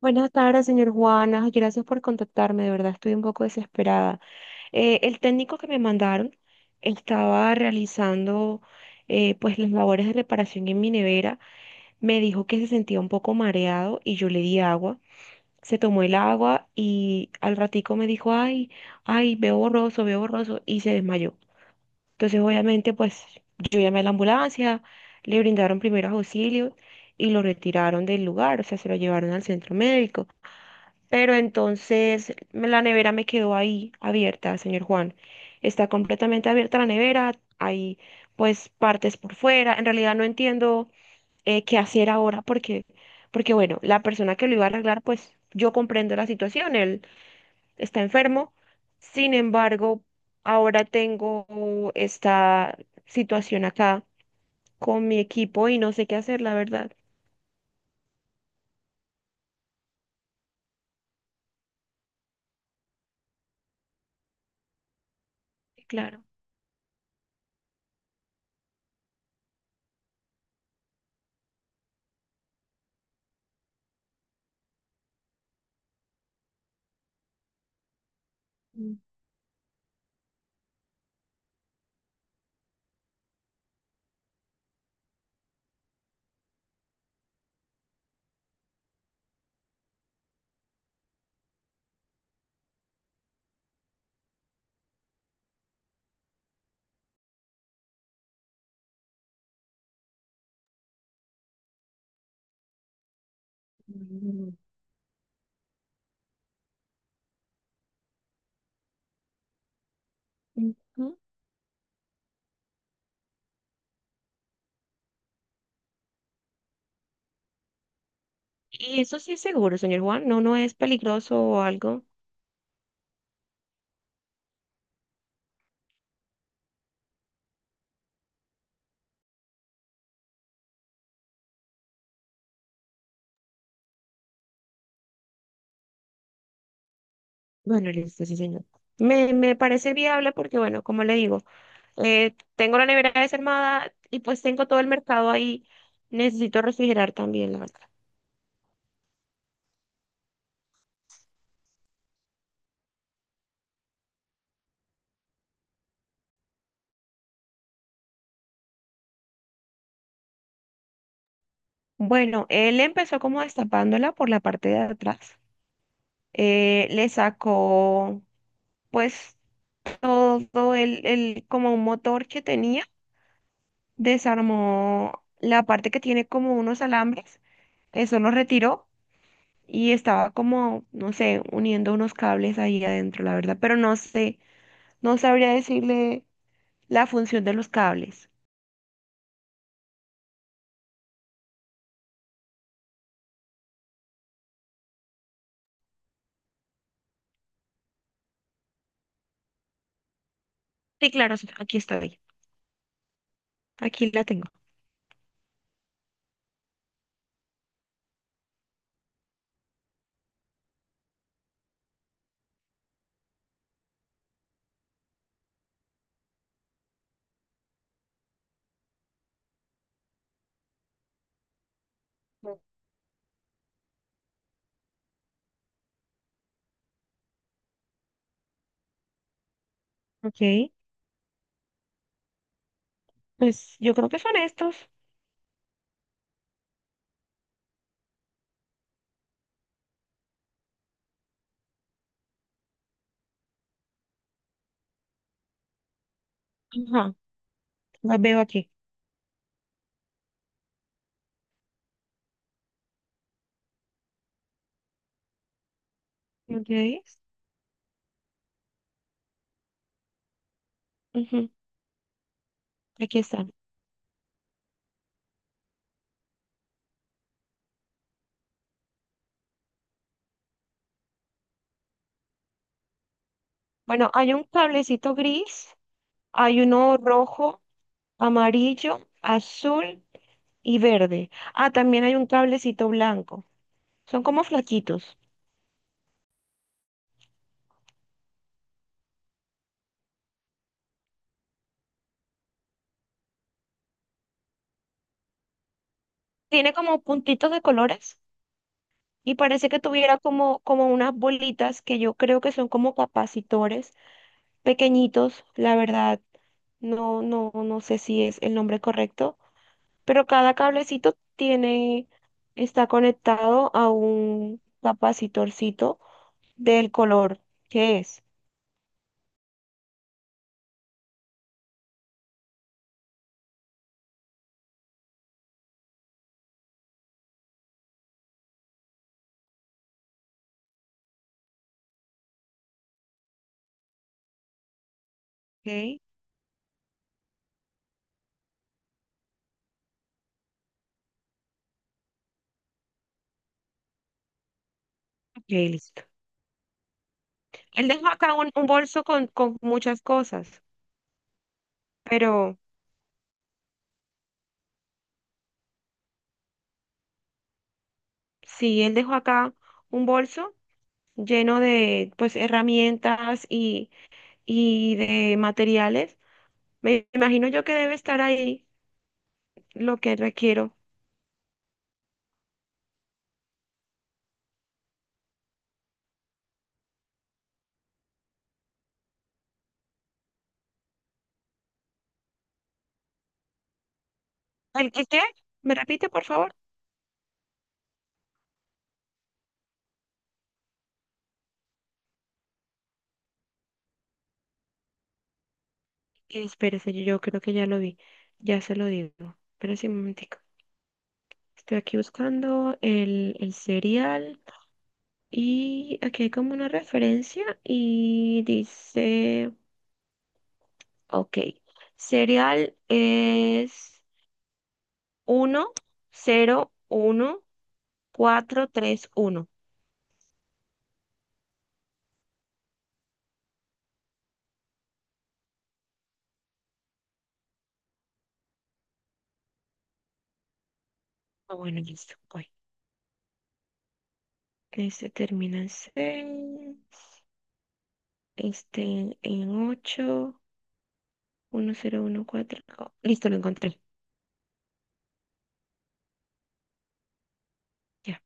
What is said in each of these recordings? Buenas tardes, señor Juana. Gracias por contactarme. De verdad, estoy un poco desesperada. El técnico que me mandaron estaba realizando, pues, las labores de reparación en mi nevera. Me dijo que se sentía un poco mareado y yo le di agua. Se tomó el agua y al ratico me dijo, ay, ay, veo borroso, veo borroso, y se desmayó. Entonces, obviamente, pues yo llamé a la ambulancia, le brindaron primeros auxilios y lo retiraron del lugar, o sea, se lo llevaron al centro médico. Pero entonces la nevera me quedó ahí abierta, señor Juan. Está completamente abierta la nevera, hay pues partes por fuera. En realidad no entiendo qué hacer ahora porque, porque bueno, la persona que lo iba a arreglar, pues yo comprendo la situación, él está enfermo. Sin embargo, ahora tengo esta situación acá con mi equipo y no sé qué hacer, la verdad. Claro. Ujú. ¿Y eso sí es seguro, señor Juan, no, no es peligroso o algo? Bueno, listo, sí, señor. Me parece viable porque, bueno, como le digo, tengo la nevera desarmada y pues tengo todo el mercado ahí. Necesito refrigerar también, la verdad. Bueno, él empezó como destapándola por la parte de atrás. Le sacó, pues, como un motor que tenía. Desarmó la parte que tiene como unos alambres. Eso lo retiró y estaba como, no sé, uniendo unos cables ahí adentro, la verdad, pero no sé, no sabría decirle la función de los cables. Sí, claro, sí, aquí estoy, aquí la tengo. Ok, pues yo creo que son estos. Ajá, los veo aquí. Ok, ujú, aquí están. Bueno, hay un cablecito gris, hay uno rojo, amarillo, azul y verde. Ah, también hay un cablecito blanco. Son como flaquitos. Tiene como puntitos de colores, y parece que tuviera como, como unas bolitas que yo creo que son como capacitores pequeñitos, la verdad, no, no, no sé si es el nombre correcto, pero cada cablecito tiene, está conectado a un capacitorcito del color que es. Ok, ok, listo. Él dejó acá un bolso con muchas cosas, pero sí, él dejó acá un bolso lleno de pues herramientas y de materiales. Me imagino yo que debe estar ahí lo que requiero. El qué? ¿Me repite, por favor? Espérese, yo creo que ya lo vi. Ya se lo digo. Espérese un momentico. Estoy aquí buscando el serial y aquí hay como una referencia y dice, ok, serial es uno cero uno cuatro tres uno. Ah, bueno, listo. Ok. Este termina en seis, este en 8, 1014. Oh, listo, lo encontré. Ya,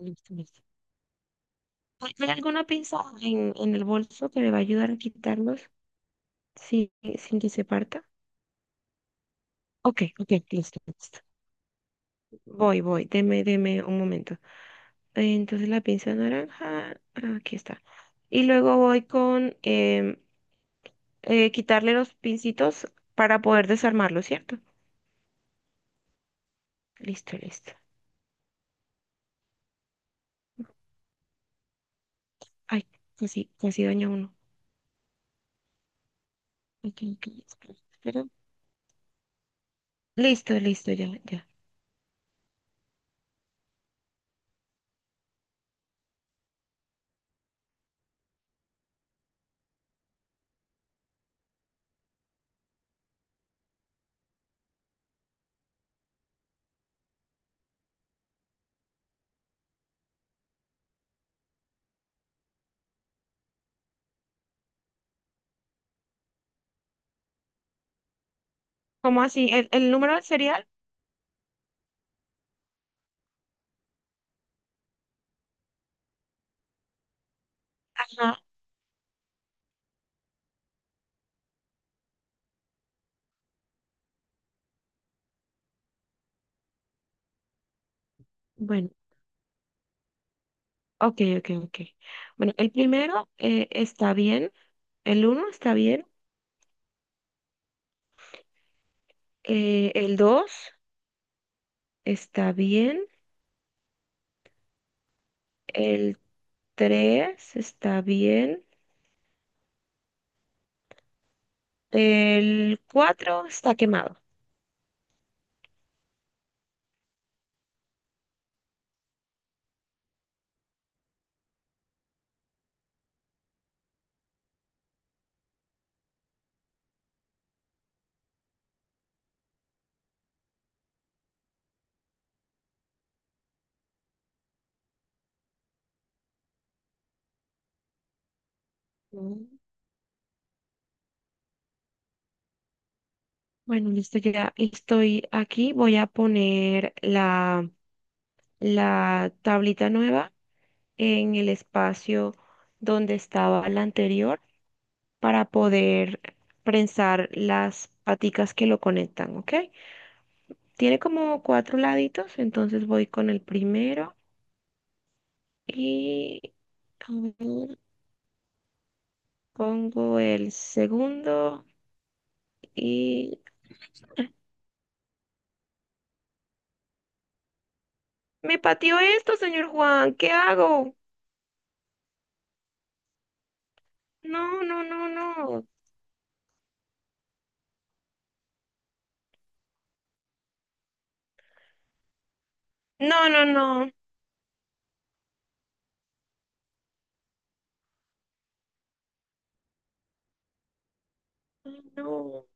listo, listo. ¿Hay hay alguna pinza en el bolso que me va a ayudar a quitarlos sin, sin que se parta? Ok, ok, listo, listo. Voy, voy, deme, deme un momento. Entonces, la pinza naranja, aquí está. Y luego voy con quitarle los pincitos para poder desarmarlo, ¿cierto? Listo, listo. Ay, casi, casi daña uno. Ok, ok, espera, espera. Listo, listo, ya, ya. ¿Cómo así? El número del serial? Ajá. Bueno, ok, ok, ok. Bueno, el primero, está bien, el uno está bien, el dos está bien, el tres está bien, el cuatro está quemado. Mm. Bueno, listo, ya estoy aquí. Voy a poner la, la tablita nueva en el espacio donde estaba la anterior para poder prensar las paticas que lo conectan, ¿ok? Tiene como cuatro laditos, entonces voy con el primero y, a ver, pongo el segundo y me pateó esto, señor Juan, ¿qué hago? No, no, no, no. No, no, no. Ay, no.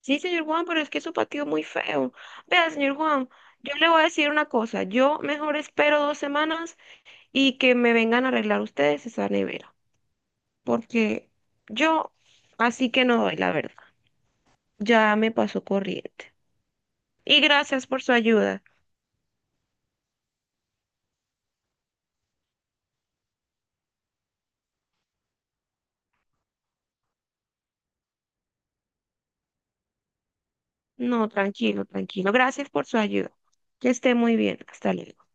Sí, señor Juan, pero es que su patio es muy feo. Vea, señor Juan, yo le voy a decir una cosa. Yo mejor espero 2 semanas y que me vengan a arreglar ustedes esa nevera. Porque yo así que no doy, la verdad. Ya me pasó corriente. Y gracias por su ayuda. No, tranquilo, tranquilo. Gracias por su ayuda. Que esté muy bien. Hasta luego.